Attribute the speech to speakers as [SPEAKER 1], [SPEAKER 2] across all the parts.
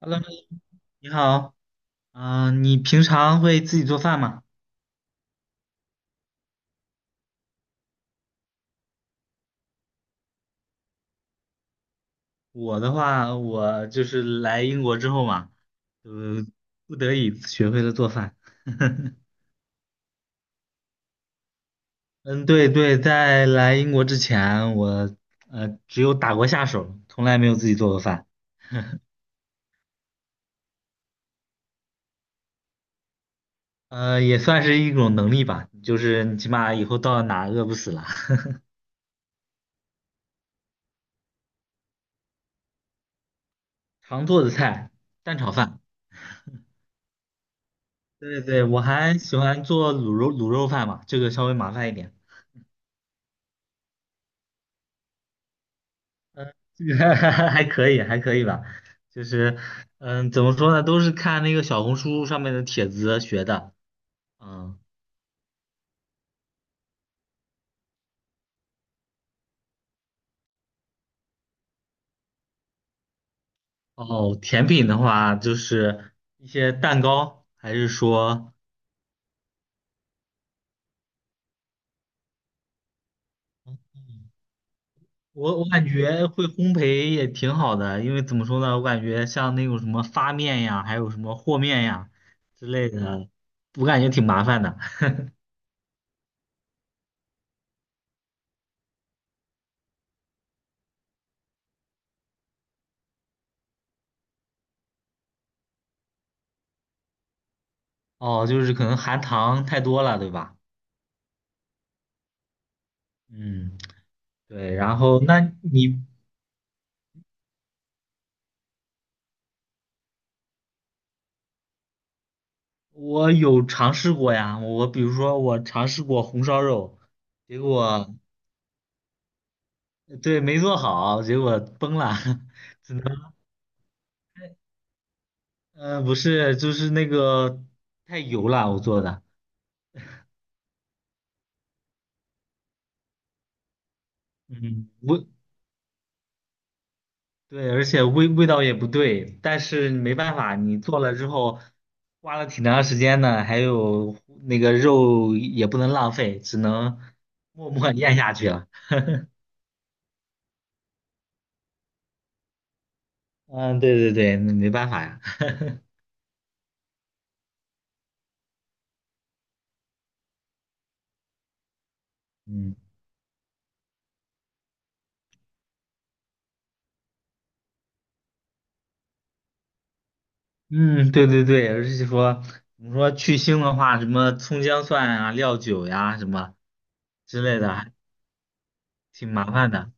[SPEAKER 1] Hello，你好，嗯，你平常会自己做饭吗？我的话，我就是来英国之后嘛，呃，不得已学会了做饭。嗯，对对，在来英国之前，我只有打过下手，从来没有自己做过饭。呃，也算是一种能力吧，就是你起码以后到哪饿不死了。常做的菜，蛋炒饭。对对，我还喜欢做卤肉饭嘛，这个稍微麻烦一点。还可以，还可以吧，就是，嗯，怎么说呢，都是看那个小红书上面的帖子学的，嗯，哦，甜品的话就是一些蛋糕，还是说我感觉会烘焙也挺好的，因为怎么说呢，我感觉像那种什么发面呀，还有什么和面呀之类的，我感觉挺麻烦的。哦，就是可能含糖太多了，对吧？嗯，对，然后那你。我有尝试过呀，我比如说我尝试过红烧肉，结果对没做好，结果崩了，只能嗯、不是就是那个太油了，我做的，嗯味对，而且味道也不对，但是没办法，你做了之后花了挺长时间的，还有那个肉也不能浪费，只能默默咽下去了。嗯，对对对，那没办法呀。嗯。嗯，对对对，而且说你说去腥的话，什么葱姜蒜啊、料酒呀、什么之类的，还挺麻烦的。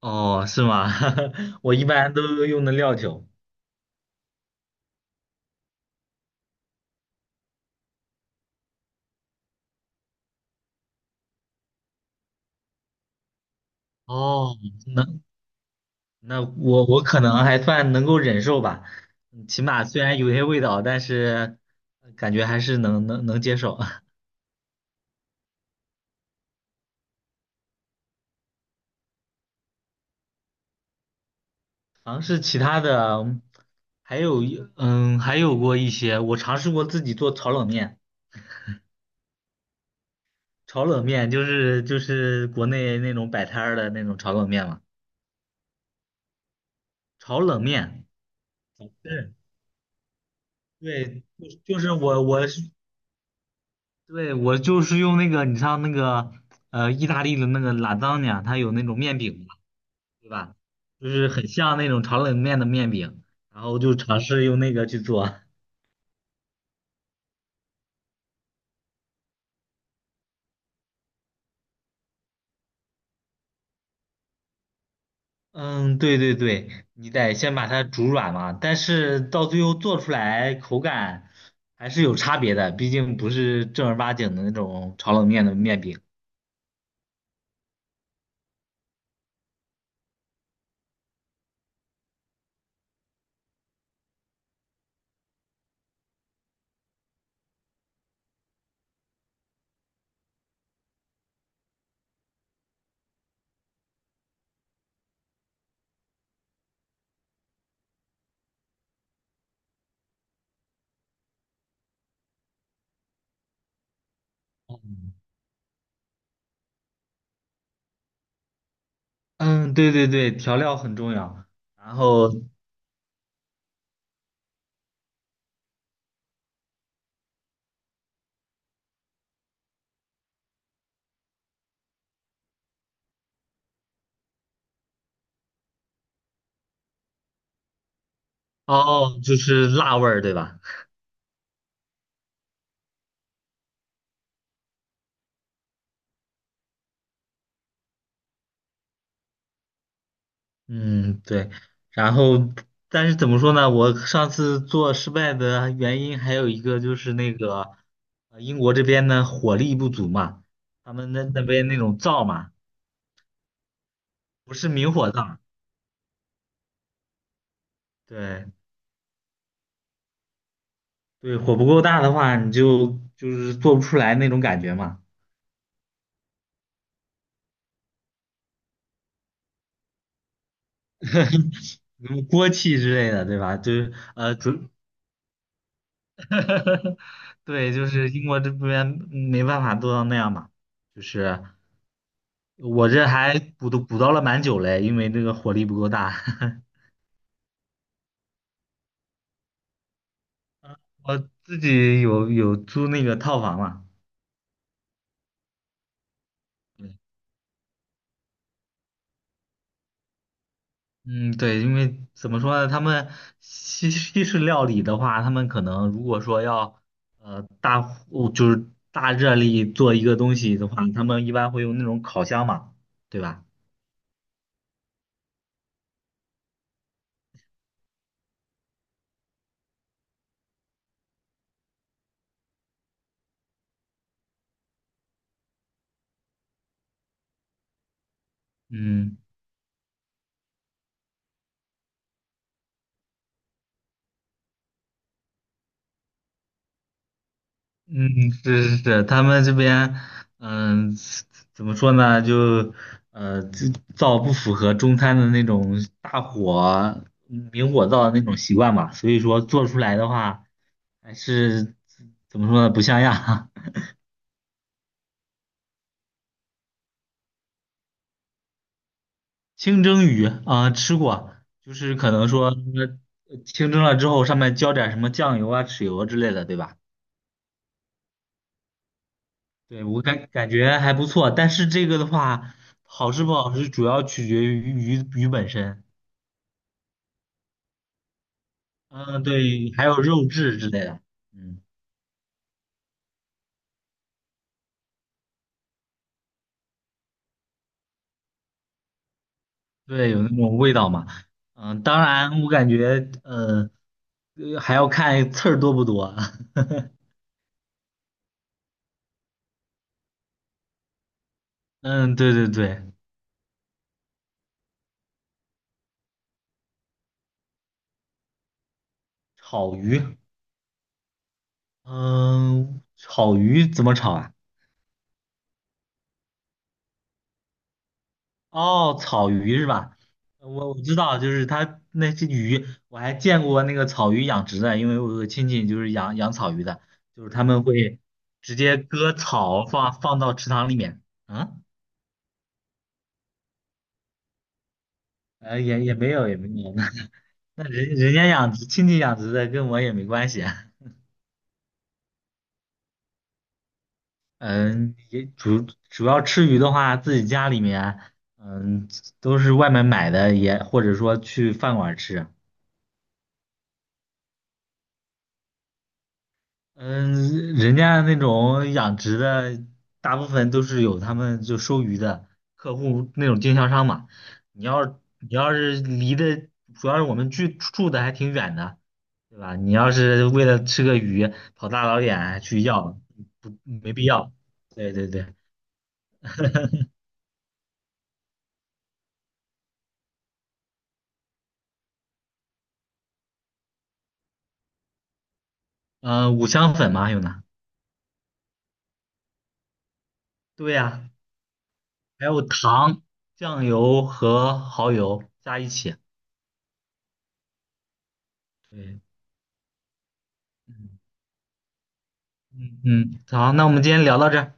[SPEAKER 1] 哦，是吗？我一般都用的料酒。哦，那那我可能还算能够忍受吧，起码虽然有些味道，但是感觉还是能接受。尝试其他的，嗯还有一嗯，还有过一些，我尝试过自己做炒冷面。炒冷面就是国内那种摆摊儿的那种炒冷面嘛，炒冷面，对对，就是我是对我就是用那个你像那个意大利的那个拉扎尼亚，它有那种面饼嘛，对吧？就是很像那种炒冷面的面饼，然后就尝试用那个去做。嗯，对对对，你得先把它煮软嘛，但是到最后做出来口感还是有差别的，毕竟不是正儿八经的那种炒冷面的面饼。嗯，对对对，调料很重要。然后哦，就是辣味儿，对吧？嗯，对。然后，但是怎么说呢？我上次做失败的原因还有一个就是那个，英国这边的火力不足嘛，他们那边那种灶嘛，不是明火灶，对对，火不够大的话，你就就是做不出来那种感觉嘛，什么锅气之类的，对吧？就是主 对，就是英国这边没办法做到那样嘛，就是我这还补都补到了蛮久嘞，因为这个火力不够大。我自己有租那个套房嘛，对嗯，对，因为怎么说呢，他们西式料理的话，他们可能如果说要大火就是大热力做一个东西的话，他们一般会用那种烤箱嘛，对吧？嗯。嗯，是是是，他们这边，嗯、怎么说呢？就，呃，就灶不符合中餐的那种大火明火灶的那种习惯吧，所以说做出来的话，还是怎么说呢？不像样。清蒸鱼啊、吃过，就是可能说清蒸了之后，上面浇点什么酱油啊、豉油之类的，对吧？对，我感觉还不错，但是这个的话，好吃不好吃，主要取决于鱼本身。嗯，对，还有肉质之类的，嗯，对，有那种味道嘛。嗯，当然，我感觉，还要看刺儿多不多啊。嗯，对对对，草鱼，嗯，草鱼怎么炒啊？哦，草鱼是吧？我知道，就是它那些鱼，我还见过那个草鱼养殖的，因为我有个亲戚就是养草鱼的，就是他们会直接割草放到池塘里面。嗯。呃，也也没有，也没有，那那人家养殖，亲戚养殖的，跟我也没关系啊。嗯，也主要吃鱼的话，自己家里面，嗯，都是外面买的，也或者说去饭馆吃。嗯，人家那种养殖的，大部分都是有他们就收鱼的客户那种经销商嘛。你要你要是离的，主要是我们居住的还挺远的。对吧？你要是为了吃个鱼跑大老远还去要，不没必要。对对对，嗯，五香粉嘛，还有呢？对呀、还有糖、酱油和蚝油加一起。对，嗯嗯嗯，好，那我们今天聊到这儿。